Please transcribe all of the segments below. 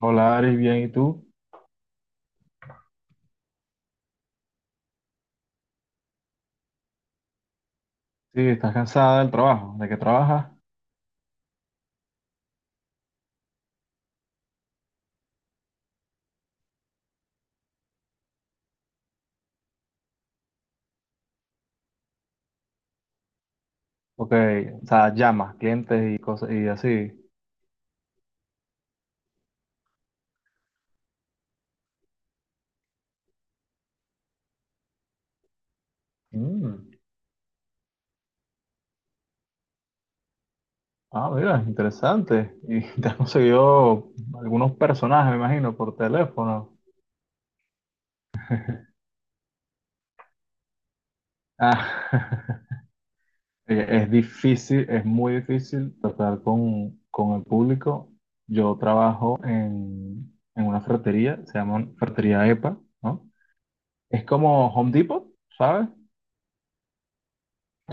Hola, Aris, bien, ¿y tú? Sí, estás cansada del trabajo, ¿de qué trabajas? Ok, o sea, llamas, clientes y cosas y así. Mm. Ah, mira, interesante. Y te has conseguido algunos personajes, me imagino, por teléfono. Ah, es difícil, es muy difícil tratar con el público. Yo trabajo en una ferretería, se llama Ferretería EPA, ¿no? Es como Home Depot, ¿sabes?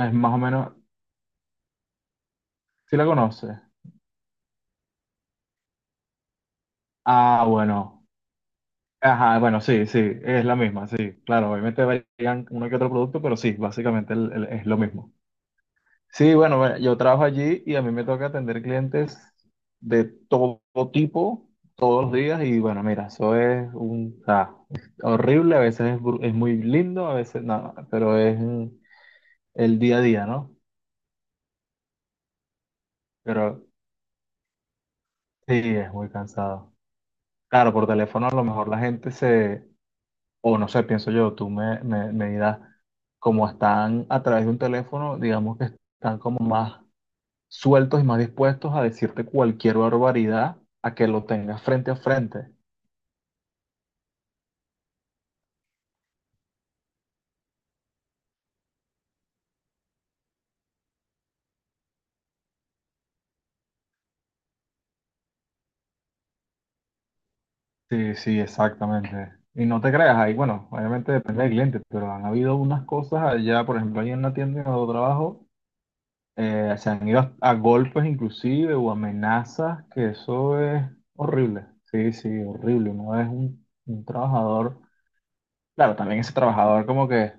Es más o menos, ¿si la conoces? Ah, bueno. Ajá, bueno, sí, sí, es la misma, sí, claro, obviamente varían uno que otro producto, pero sí, básicamente es lo mismo. Sí, bueno, bueno, yo trabajo allí y a mí me toca atender clientes de todo tipo, todos los días, y bueno, mira, eso es un, o sea, es horrible, a veces es, es muy lindo, a veces no, pero es el día a día, ¿no? Pero sí, es muy cansado. Claro, por teléfono a lo mejor la gente se o no sé, pienso yo, tú me dirás, como están a través de un teléfono, digamos que están como más sueltos y más dispuestos a decirte cualquier barbaridad a que lo tengas frente a frente. Sí, sí, exactamente. Y no te creas, ahí, bueno, obviamente depende del cliente, pero han habido unas cosas allá, por ejemplo, ahí en la tienda en donde trabajo, se han ido a golpes inclusive o amenazas, que eso es horrible. Sí, sí, horrible. Uno es un trabajador. Claro, también ese trabajador como que,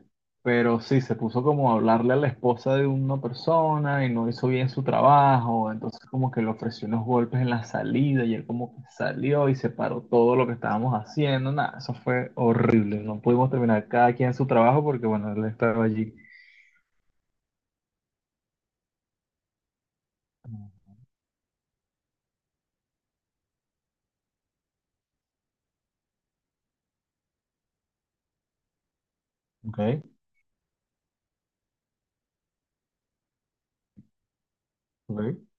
pero sí, se puso como a hablarle a la esposa de una persona y no hizo bien su trabajo, entonces como que le ofreció unos golpes en la salida y él como que salió y se paró todo lo que estábamos haciendo, nada, eso fue horrible, no pudimos terminar cada quien su trabajo porque bueno, él estaba allí. Ok, ok,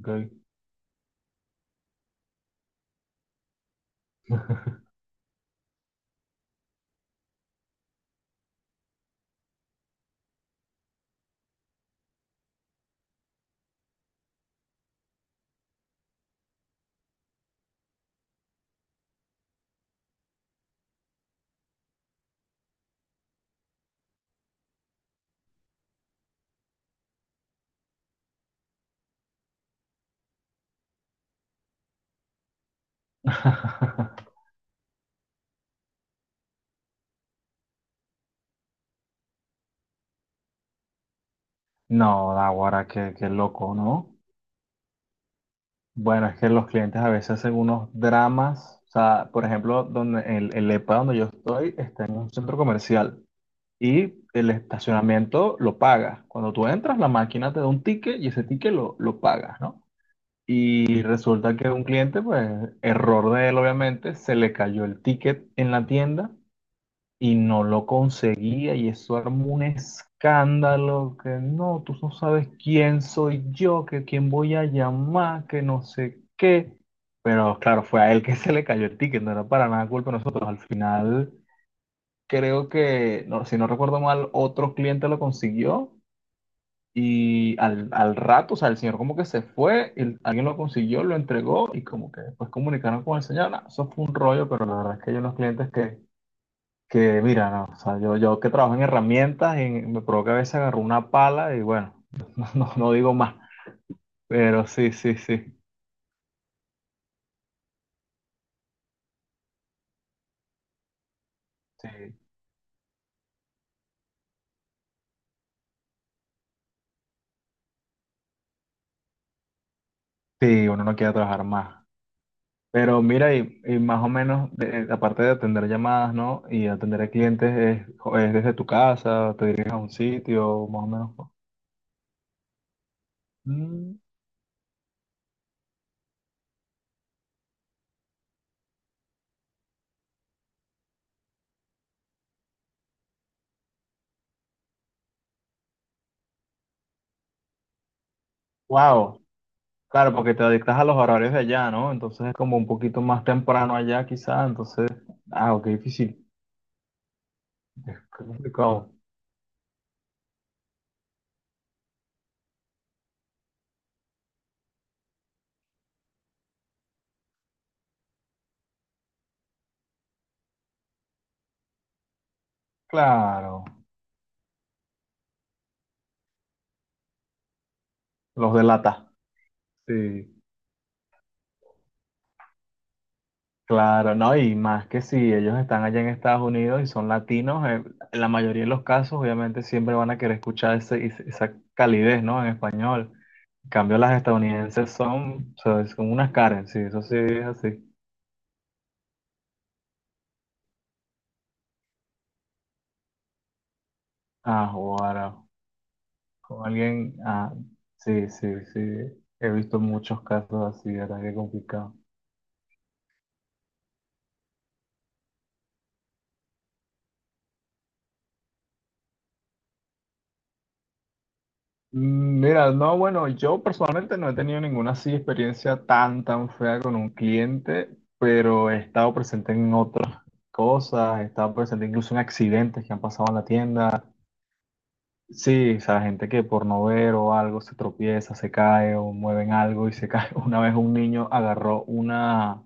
ok. No, ahora qué, qué loco, ¿no? Bueno, es que los clientes a veces hacen unos dramas. O sea, por ejemplo, donde el EPA donde yo estoy está en un centro comercial y el estacionamiento lo pagas. Cuando tú entras, la máquina te da un ticket y ese ticket lo pagas, ¿no? Y resulta que un cliente, pues, error de él, obviamente, se le cayó el ticket en la tienda y no lo conseguía y eso armó un escándalo que no, tú no sabes quién soy yo, que quién voy a llamar, que no sé qué. Pero claro, fue a él que se le cayó el ticket, no era para nada culpa de nosotros. Al final, creo que, no, si no recuerdo mal, otro cliente lo consiguió y al rato, o sea, el señor como que se fue, y alguien lo consiguió, lo entregó y como que después comunicaron con el señor. No, eso fue un rollo, pero la verdad es que hay unos clientes que mira, no, o sea, yo que trabajo en herramientas, y me provoca a veces agarrar una pala y bueno, no, no, no digo más, pero sí, sí, sí, sí, sí, uno no quiere trabajar más. Pero mira, y más o menos, aparte de atender llamadas, ¿no? Y atender a clientes, es desde tu casa, te diriges a un sitio, más o menos. Wow, claro, porque te adictas a los horarios de allá, ¿no? Entonces es como un poquito más temprano allá, quizá, entonces, ah, qué difícil, es complicado. Claro. Los delata. Sí, claro, ¿no? Y más que si ellos están allá en Estados Unidos y son latinos, en la mayoría de los casos obviamente siempre van a querer escuchar esa calidez, ¿no? En español. En cambio, las estadounidenses son, o sea, son unas Karen, sí, eso sí es así. Ah, wow. Con alguien, ah, sí, sí, sí. He visto muchos casos así, ¿verdad? Qué complicado. Mm, mira, no, bueno, yo personalmente no he tenido ninguna así experiencia tan, tan fea con un cliente, pero he estado presente en otras cosas, he estado presente incluso en accidentes que han pasado en la tienda. Sí, o sea, gente que por no ver o algo se tropieza, se cae o mueven algo y se cae. Una vez un niño agarró una,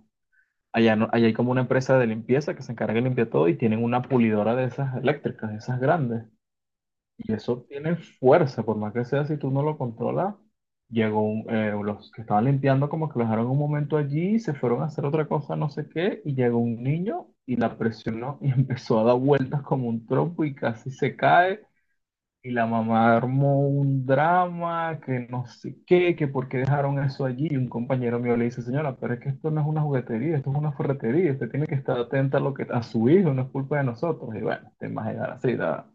allá, allá hay como una empresa de limpieza que se encarga de limpiar todo y tienen una pulidora de esas eléctricas, de esas grandes. Y eso tiene fuerza, por más que sea, si tú no lo controlas, los que estaban limpiando como que lo dejaron un momento allí, se fueron a hacer otra cosa, no sé qué, y llegó un niño y la presionó y empezó a dar vueltas como un trompo y casi se cae. Y la mamá armó un drama, que no sé qué, que por qué dejaron eso allí. Y un compañero mío le dice, señora, pero es que esto no es una juguetería, esto es una ferretería, usted tiene que estar atenta a lo que a su hijo, no es culpa de nosotros. Y bueno, temas de edad, así,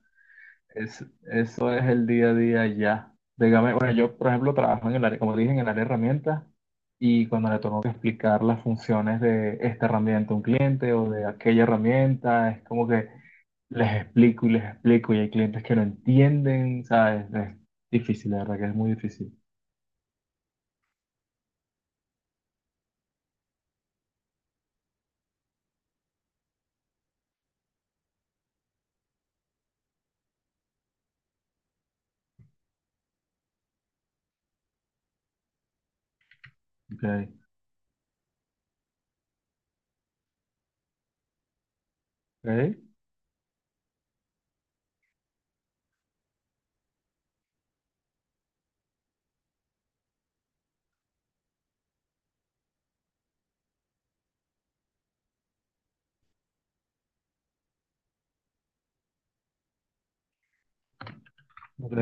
es, eso es el día a día ya. Dígame, bueno, yo, por ejemplo, trabajo en el área, como dije, en el área de herramientas y cuando le tengo que explicar las funciones de esta herramienta a un cliente o de aquella herramienta, es como que les explico y hay clientes que no entienden, ¿sabes? Es difícil, la verdad que es muy difícil. Ok, ok, ok.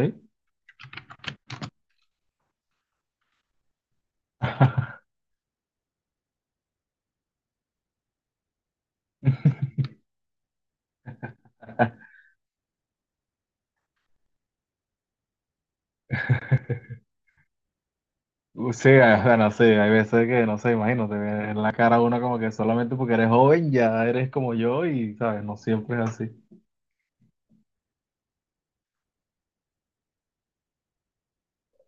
Sí, o sea, no sé, hay veces que, no sé, imagino, te ve en la cara uno como que solamente porque eres joven ya eres como yo y, ¿sabes? No siempre es así.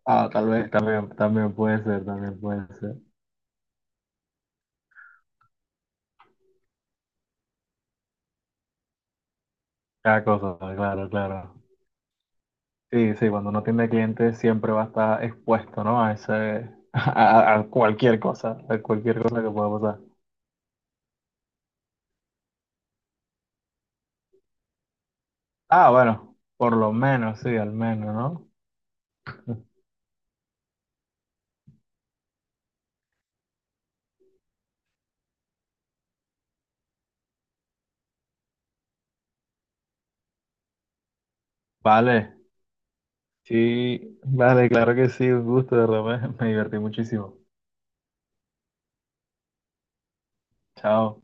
Ah, tal vez, también, también puede ser, también puede ser. Cada cosa, claro, claro. Sí, sí, cuando uno tiene clientes siempre va a estar expuesto, ¿no? A ese, a cualquier cosa que pueda pasar. Ah, bueno, por lo menos, sí, al menos, ¿no? Vale, sí, vale, claro que sí, un gusto, de verdad, me divertí muchísimo. Chao.